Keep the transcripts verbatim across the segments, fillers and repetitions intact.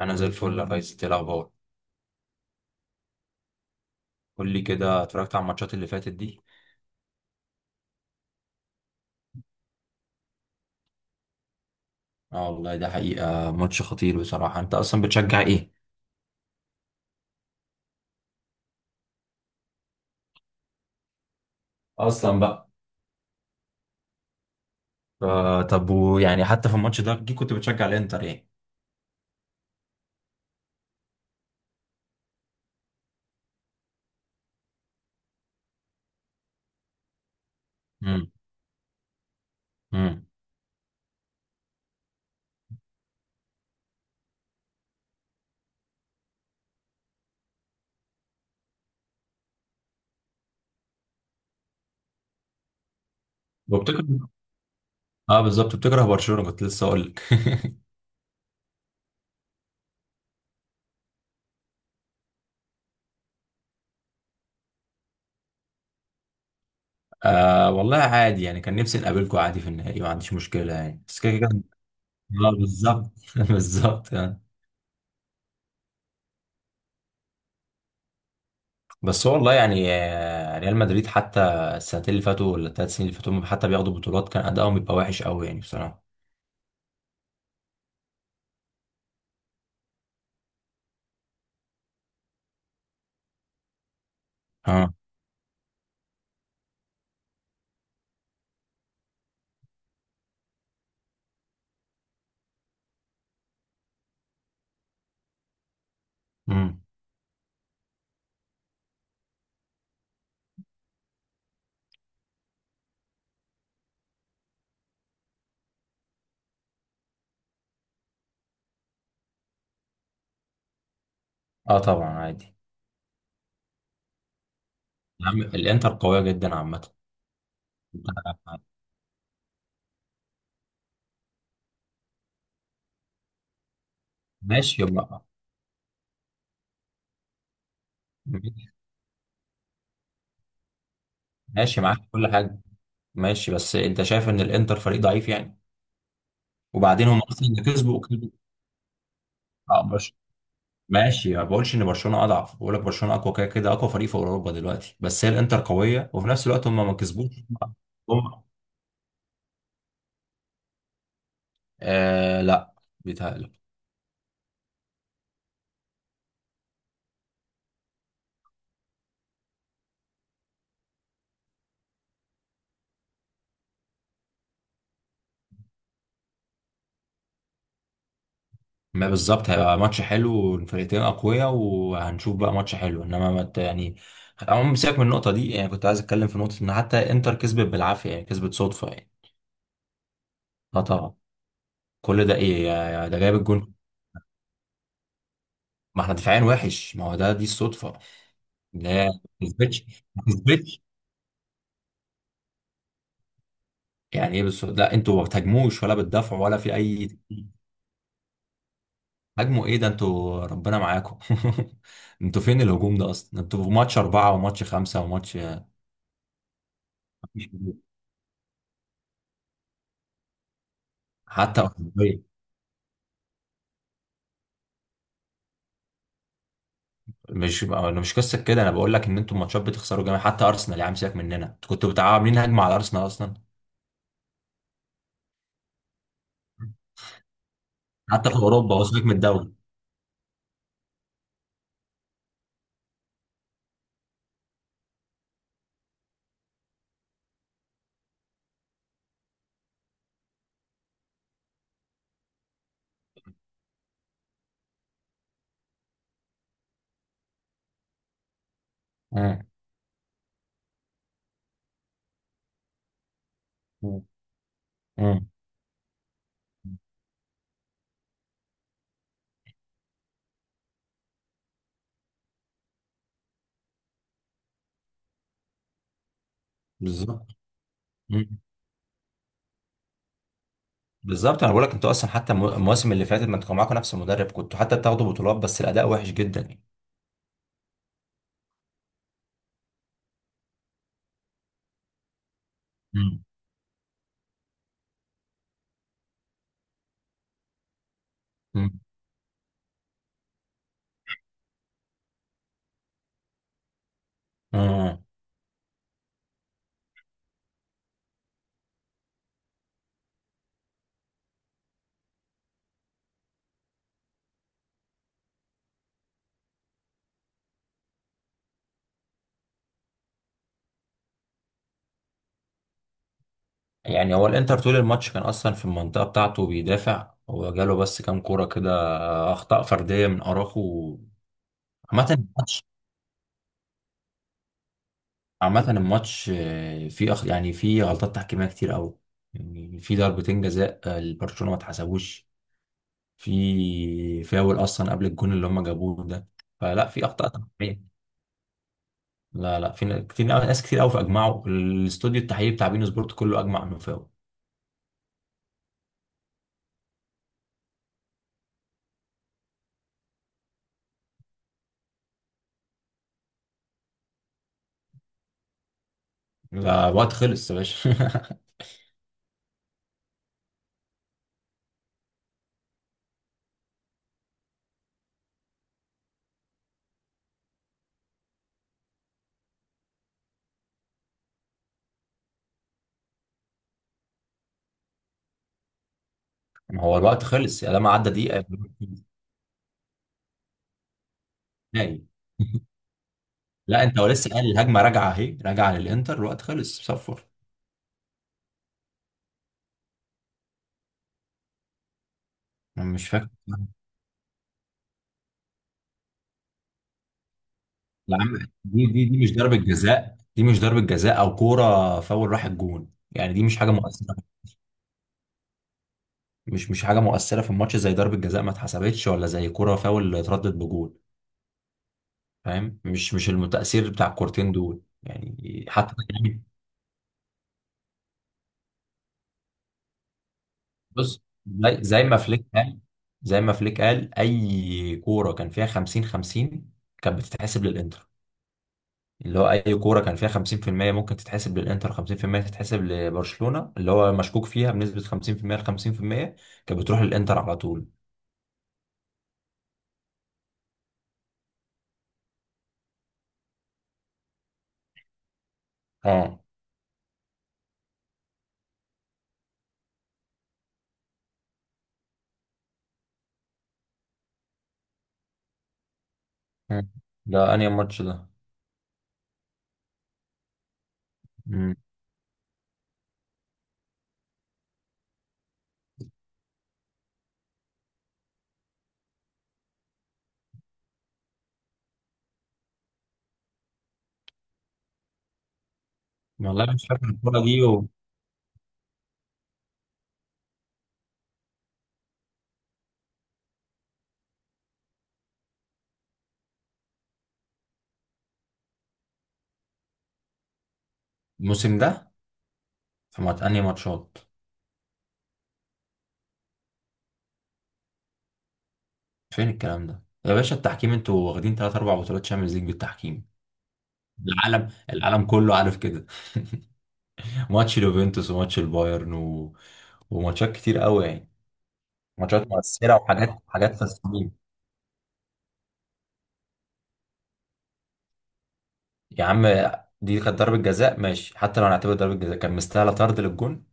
انا زي الفل يا ريس. إنت إيه الاخبار؟ قول لي كده، اتفرجت على الماتشات اللي فاتت دي؟ اه والله، ده حقيقة ماتش خطير بصراحة. انت اصلا بتشجع ايه؟ اصلا بقى. آه، طب ويعني حتى في الماتش ده أكيد كنت بتشجع الانتر يعني. امم. امم. وبتكره؟ اه بالظبط، بتكره برشلونة. كنت لسه اقول لك. آه والله عادي يعني، كان نفسي نقابلكم عادي في النهائي، ما عنديش مشكلة يعني، بس كده كده. اه بالظبط، بالظبط يعني. بس هو والله يعني، آه، ريال مدريد حتى السنتين اللي فاتوا ولا الثلاث سنين اللي فاتوا هم حتى بياخدوا بطولات، كان ادائهم بيبقى وحش قوي يعني بصراحه. اه. امم. اه طبعا عادي. يا عم الانتر قويه جدا عامه. ماشي يبقى. ماشي معاك في كل حاجه. ماشي، بس انت شايف ان الانتر فريق ضعيف يعني؟ وبعدين هم اصلا اللي كسبوا كسبوا. اه برش ماشي. ما بقولش ان برشلونه اضعف، بقول لك برشلونه اقوى كده كده، اقوى فريق في اوروبا دلوقتي، بس هي الانتر قويه وفي نفس الوقت هم ما كسبوش. هم. آه لا. بيتهيألي. ما بالظبط، هيبقى ماتش حلو والفرقتين اقوياء، وهنشوف بقى ماتش حلو. انما ما ت- يعني عموما سيبك من النقطه دي. يعني كنت عايز اتكلم في نقطه ان حتى انتر كسبت بالعافيه، يعني كسبت صدفه يعني. اه طبعا. كل ده ايه يا- ده جايب الجون؟ ما احنا دفاعيا وحش، ما هو ده دي الصدفه. اللي هي ما كسبتش. ما كسبتش. يعني ايه بس؟ لا، انتوا ما بتهاجموش ولا بتدافعوا ولا في اي هاجموا ايه، ده انتوا ربنا معاكم. انتوا فين الهجوم ده اصلا؟ انتوا في ماتش اربعه وماتش خمسه وماتش مفيش هجوم. حتى مش، انا مش قصه كده. انا بقول لك ان انتوا الماتشات بتخسروا جامد. حتى ارسنال، يا عم سيبك مننا، انتوا كنتوا بتاع عاملين هجمه على ارسنال اصلا؟ حتى في اوروبا، وسيبك من الدوري. مم. مم. مم. بالظبط. مم. بالظبط، انا بقول لك انتوا اصلا حتى المو- المواسم اللي فاتت ما انتوا كان معاكم نفس المدرب، كنتوا حتى بتاخدوا بطولات، بس الاداء وحش جدا يعني. مم. مم. مم. يعني هو الانتر طول الماتش كان اصلا في المنطقه بتاعته بيدافع، هو جاله بس كام كوره كده، اخطاء فرديه من اراخو. عامه، عامة الماتش، آه، فيه أخ... يعني فيه غلطات تحكيمية كتير أوي. يعني في ضربتين جزاء، آه، لبرشلونة ما اتحسبوش. في فاول أصلا قبل الجون اللي هم جابوه ده. فلا، في أخطاء تحكيمية. لا لا، في ن- كتير أوي- ناس كتير أوي فأجمعوا، الاستوديو التحليلي بتاع بين سبورت كله أجمع إنه فاول. لا، الوقت خلص يا باشا. ما هو الوقت خلص يا ده، ما عدى دقيقة. نهائي. لا، أنت هو لسه قال الهجمة راجعة؟ أهي راجعة للإنتر، الوقت خلص صفر. أنا مش فاكر. يا عم، دي دي دي مش ضربة جزاء. دي مش ضربة جزاء او كورة فاول راح الجون يعني. دي مش حاجة مؤثرة. مش مش حاجة مؤثرة في الماتش زي ضربة جزاء ما اتحسبتش، ولا زي كورة فاول اتردد بجول. فاهم؟ مش مش التأثير بتاع الكورتين دول يعني، حتى يعني. بص، زي زي ما فليك قال. زي ما فليك قال، اي كورة كان فيها خمسين خمسين كانت بتتحسب للانتر. اللي هو اي كوره كان فيها خمسين في المية ممكن تتحسب للانتر، خمسين في المية تتحسب لبرشلونه. اللي هو مشكوك فيها بنسبه خمسين في المية ل خمسين في المية كانت بتروح للانتر على طول. اه. مم. ده انهي ماتش ده؟ مم. والله مش فاكر الكوره دي. الموسم ده، في مات انهي ماتشات؟ فين الكلام ده يا باشا، التحكيم؟ انتوا واخدين ثلاث اربع بطولات شامبيونز ليج بالتحكيم. العالم، العالم كله عارف كده. ماتش اليوفنتوس وماتش البايرن و... وماتشات كتير قوي يعني. ماتشات مؤثره وحاجات حاجات في. يا عم، دي كانت ضربة جزاء، ماشي. حتى لو هنعتبر ضربة جزاء، كان مستاهلة طرد للجون.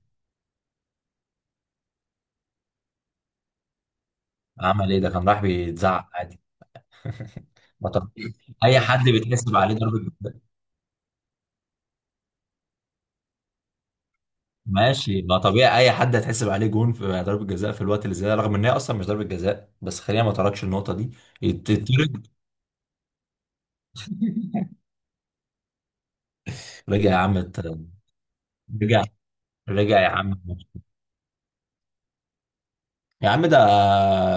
عمل ايه ده؟ كان راح بيتزعق عادي. ما طبيعي، اي حد بيتحسب عليه ضربة جزاء. ماشي، ما طبيعي اي حد هيتحسب عليه جون في ضربة جزاء في الوقت اللي زي ده، رغم ان هي اصلا مش ضربة جزاء، بس خلينا ما تركش النقطة دي. يتطرد. رجع يا عم الت- رجع. رجع يا عم. يا عم، ده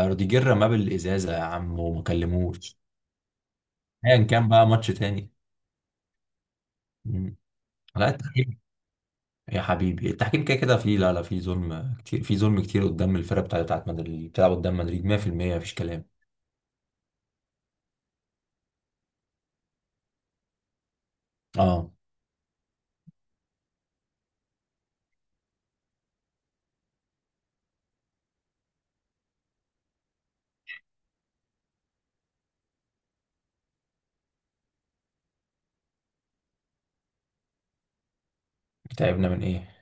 روديجير رماه بالازازة يا عم وما كلموش. ايا كان بقى، ماتش تاني. مم. لا، يا حبيبي التحكيم كده كده فيه. لا لا، فيه ظلم كتير، فيه ظلم كتير قدام الفرقه بتاعت بتاعت مدريد اللي بتلعب قدام مدريد ميه في المية. مفيش كلام. اه. تعبنا من ايه؟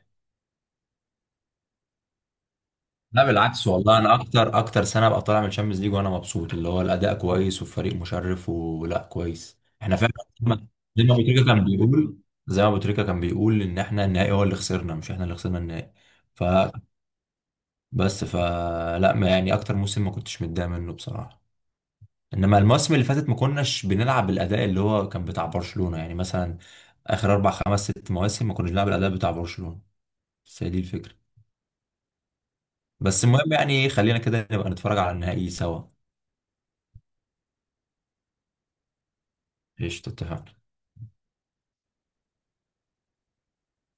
لا بالعكس، والله انا اكتر اكتر سنه ابقى طالع من الشامبيونز ليج وانا مبسوط. اللي هو الاداء كويس والفريق مشرف، ولا كويس احنا فعلا. زي ما زي ما ابو تريكه كان بيقول زي ما ابو تريكه كان بيقول، ان احنا النهائي هو اللي خسرنا، مش احنا اللي خسرنا النهائي. ف بس ف لا، ما يعني، اكتر موسم ما كنتش متضايق منه بصراحه. انما المواسم اللي فاتت، ما كناش بنلعب بالاداء اللي هو كان بتاع برشلونة يعني. مثلا اخر اربع خمس ست مواسم ما كناش بنلعب الاداء بتاع برشلونة. بس هي دي الفكرة. بس المهم يعني خلينا كده نبقى نتفرج على النهائي سوا. ايش تتفق.